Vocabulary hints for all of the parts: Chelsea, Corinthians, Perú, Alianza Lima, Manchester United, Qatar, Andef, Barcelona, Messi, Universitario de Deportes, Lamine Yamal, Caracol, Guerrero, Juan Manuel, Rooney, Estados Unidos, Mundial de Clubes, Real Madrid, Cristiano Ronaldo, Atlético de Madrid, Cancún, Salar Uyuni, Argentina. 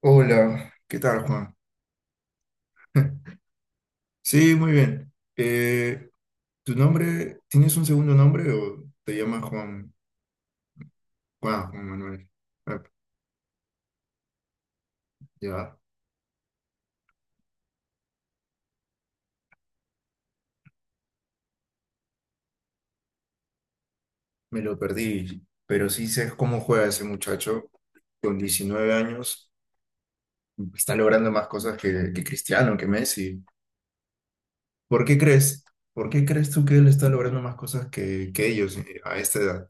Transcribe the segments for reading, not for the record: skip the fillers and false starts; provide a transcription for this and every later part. Hola, ¿qué tal, Juan? Sí, muy bien. ¿Tu nombre, tienes un segundo nombre o te llamas Juan? Juan Manuel. Ah, ya, Me lo perdí, pero sí sé cómo juega ese muchacho con 19 años. Está logrando más cosas que Cristiano, que Messi. ¿Por qué crees? ¿Por qué crees tú que él está logrando más cosas que ellos a esta edad?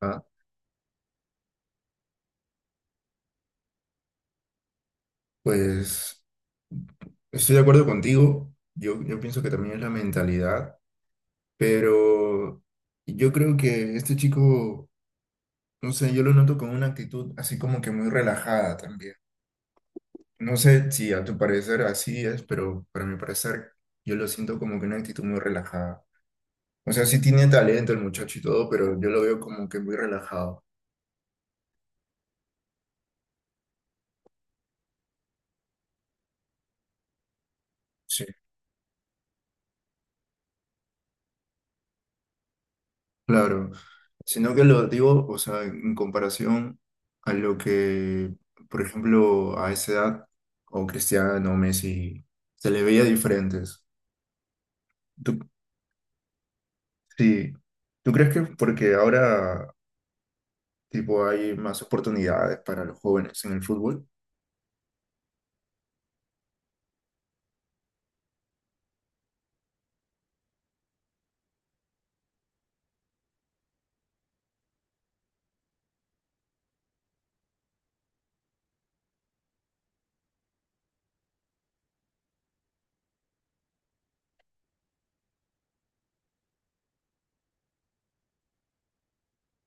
Ah, Pues estoy de acuerdo contigo. Yo pienso que también es la mentalidad. Pero yo creo que este chico, no sé, yo lo noto con una actitud así como que muy relajada también. No sé si a tu parecer así es, pero para mi parecer yo lo siento como que una actitud muy relajada. O sea, sí tiene talento el muchacho y todo, pero yo lo veo como que muy relajado. Sí, claro. Sino que lo digo, o sea, en comparación a lo que, por ejemplo, a esa edad, o Cristiano, Messi, se le veía diferentes. Tú Sí, ¿tú crees que porque ahora tipo hay más oportunidades para los jóvenes en el fútbol?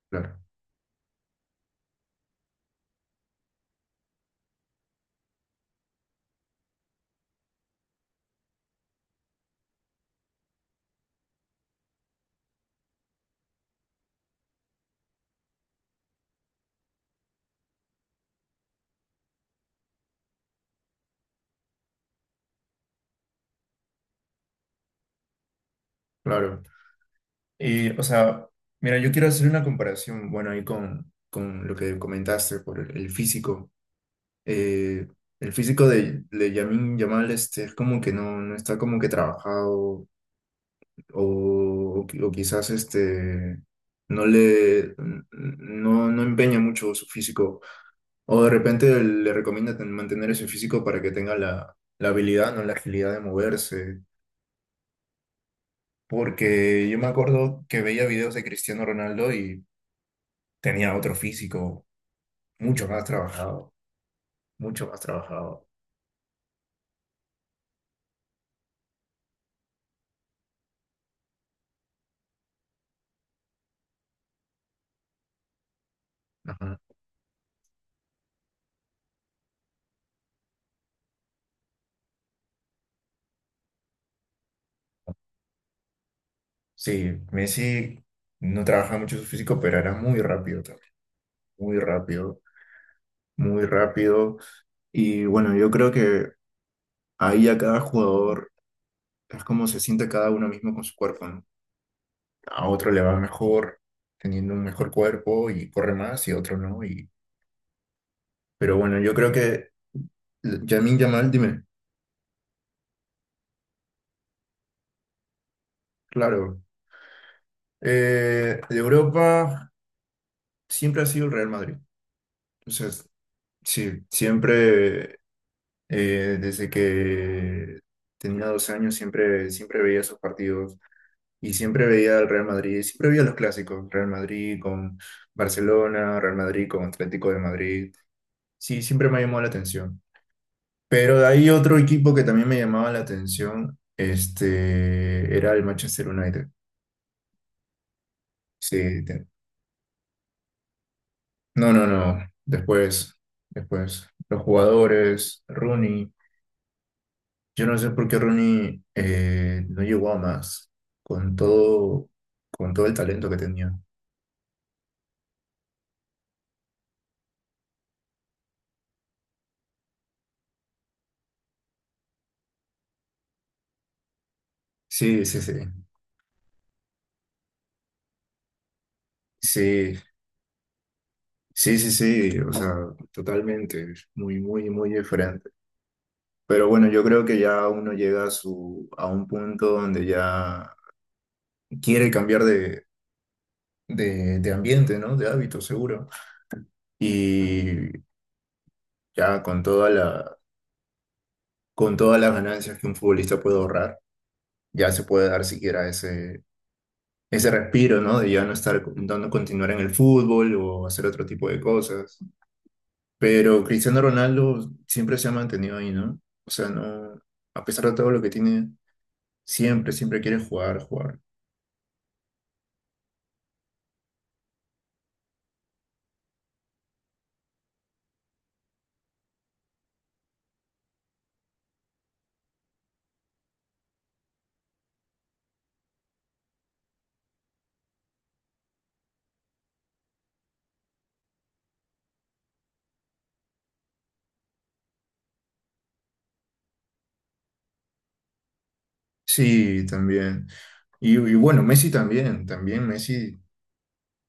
Claro, claro. Y, o sea, mira, yo quiero hacer una comparación, bueno, ahí con lo que comentaste por el físico. Eh, el físico de Lamine Yamal este, es como que no está como que trabajado o quizás este, no le, no empeña mucho su físico. O de repente le recomienda ten- mantener ese físico para que tenga la habilidad, no la agilidad de moverse. Porque yo me acuerdo que veía videos de Cristiano Ronaldo y tenía otro físico, mucho más trabajado, mucho más trabajado. Ajá. Sí, Messi no trabajaba mucho su físico, pero era muy rápido también, muy rápido, muy rápido. Y bueno, yo creo que ahí a cada jugador es como se siente cada uno mismo con su cuerpo, ¿no? A otro le va mejor teniendo un mejor cuerpo y corre más y otro no. Y, pero bueno, yo creo que Lamine Yamal, dime, claro, de Europa siempre ha sido el Real Madrid. O sea, sí, siempre, desde que tenía 12 años, siempre veía esos partidos. Y siempre veía al Real Madrid, siempre veía los clásicos, Real Madrid con Barcelona, Real Madrid con Atlético de Madrid. Sí, siempre me ha llamado la atención. Pero de ahí otro equipo que también me llamaba la atención, este, era el Manchester United. Sí, te- no, después, los jugadores, Rooney, yo no sé por qué Rooney no llegó a más con todo, con todo el talento que tenía. Sí, sí, sí, sí, sí, sí, sí, o sea, totalmente, muy, muy, muy diferente. Pero bueno, yo creo que ya uno llega a su, a un punto donde ya quiere cambiar de ambiente, ¿no? De hábito, seguro. Y ya con toda con todas las ganancias que un futbolista puede ahorrar, ya se puede dar siquiera ese respiro, ¿no? De ya no estar dando continuar en el fútbol o hacer otro tipo de cosas. Pero Cristiano Ronaldo siempre se ha mantenido ahí, ¿no? O sea, no, a pesar de todo lo que tiene, siempre quiere jugar, jugar. Sí, también. Y bueno, Messi también, también Messi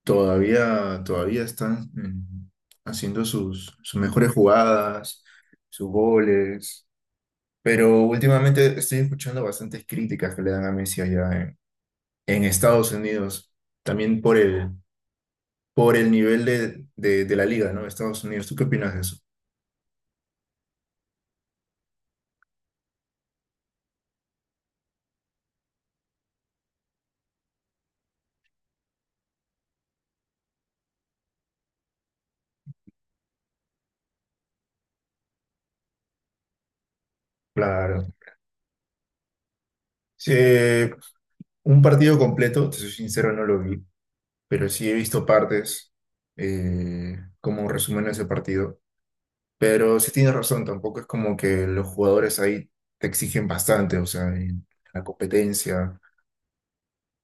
todavía, todavía están haciendo sus mejores jugadas, sus goles, pero últimamente estoy escuchando bastantes críticas que le dan a Messi en Estados Unidos, también por por el nivel de la liga, ¿no? Estados Unidos, ¿tú qué opinas de eso? Claro. Sí, un partido completo, te soy sincero, no lo vi, pero sí he visto partes como resumen de ese partido. Pero sí tienes razón, tampoco es como que los jugadores ahí te exigen bastante, o sea, en la competencia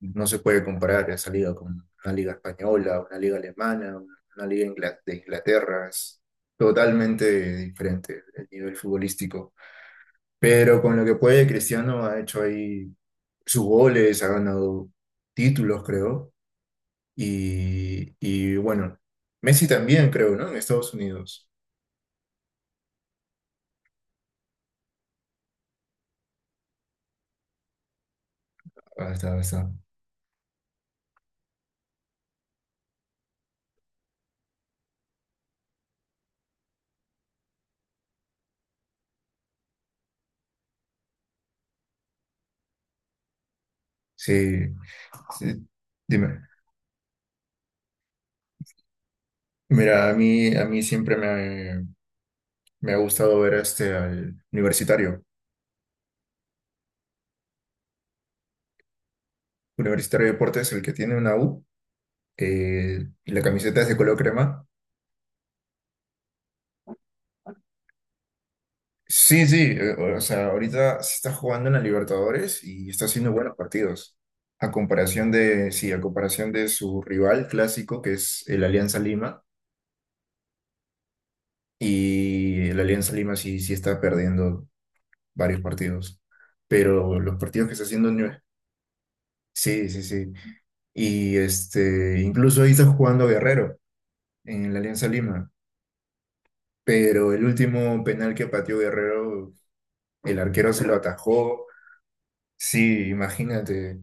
no se puede comparar esa liga con una liga española, una liga alemana, una liga ingla- de Inglaterra, es totalmente diferente el nivel futbolístico. Pero con lo que puede, Cristiano ha hecho ahí sus goles, ha ganado títulos, creo, y bueno, Messi también, creo, ¿no? En Estados Unidos. Hasta. Sí, sí, dime. Mira, a mí siempre me ha gustado ver este al universitario. Universitario de Deportes, el que tiene una U, y la camiseta es de color crema. Sí, sí, o sea, ahorita se está jugando en la Libertadores y está haciendo buenos partidos. A comparación de, sí, a comparación de su rival clásico, que es el Alianza Lima, y el Alianza Lima sí, sí está perdiendo varios partidos. Pero los partidos que está haciendo... Unive- Sí, sí, sí. Y este, incluso ahí está jugando Guerrero en la Alianza Lima, pero el último penal que pateó Guerrero, el arquero se lo atajó, sí, imagínate,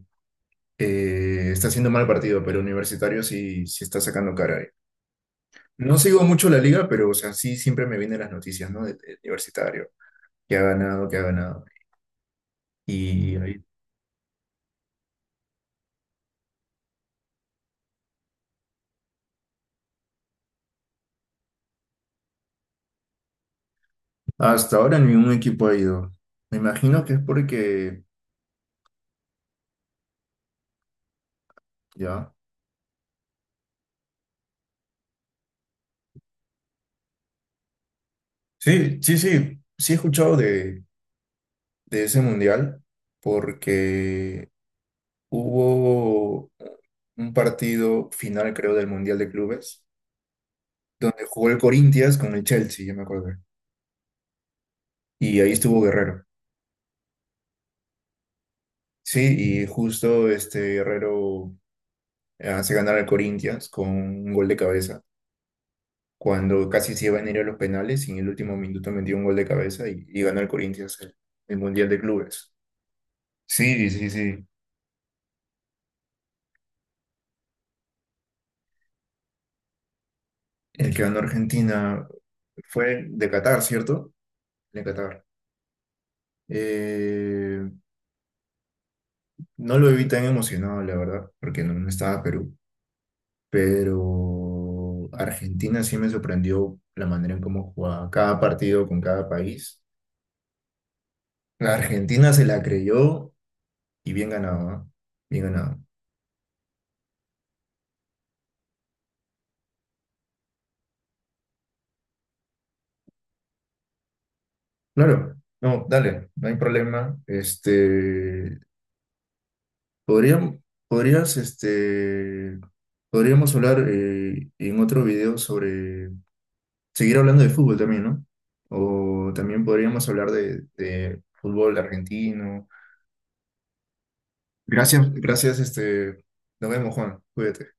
está haciendo mal partido, pero Universitario sí, sí está sacando cara ahí. No sigo mucho la liga, pero o sea, sí siempre me vienen las noticias, ¿no? De Universitario, que ha ganado, que ha ganado. Y ahí- hasta ahora ningún equipo ha ido. Me imagino que es porque, ya. Sí, sí, sí, sí he escuchado de ese mundial porque hubo un partido final, creo, del Mundial de Clubes, donde jugó el Corinthians con el Chelsea, ya me acuerdo. Y ahí estuvo Guerrero. Sí, y justo este Guerrero hace ganar al Corinthians con un gol de cabeza, cuando casi se iban a ir a los penales y en el último minuto metió un gol de cabeza y ganó el Corinthians el Mundial de Clubes. Sí, sí, sí. El que ganó Argentina fue de Qatar, ¿cierto? De Qatar. Eh, no lo vi tan emocionado, la verdad, porque no estaba Perú, pero Argentina sí me sorprendió la manera en cómo jugaba cada partido con cada país. La Argentina se la creyó y bien ganado, ¿ah? Bien ganado. Claro, no, dale, no hay problema. Este, podríamos, podrías, este, podríamos hablar en otro video sobre seguir hablando de fútbol también, ¿no? O también podríamos hablar de fútbol argentino. Gracias, este, nos vemos, Juan. Cuídate.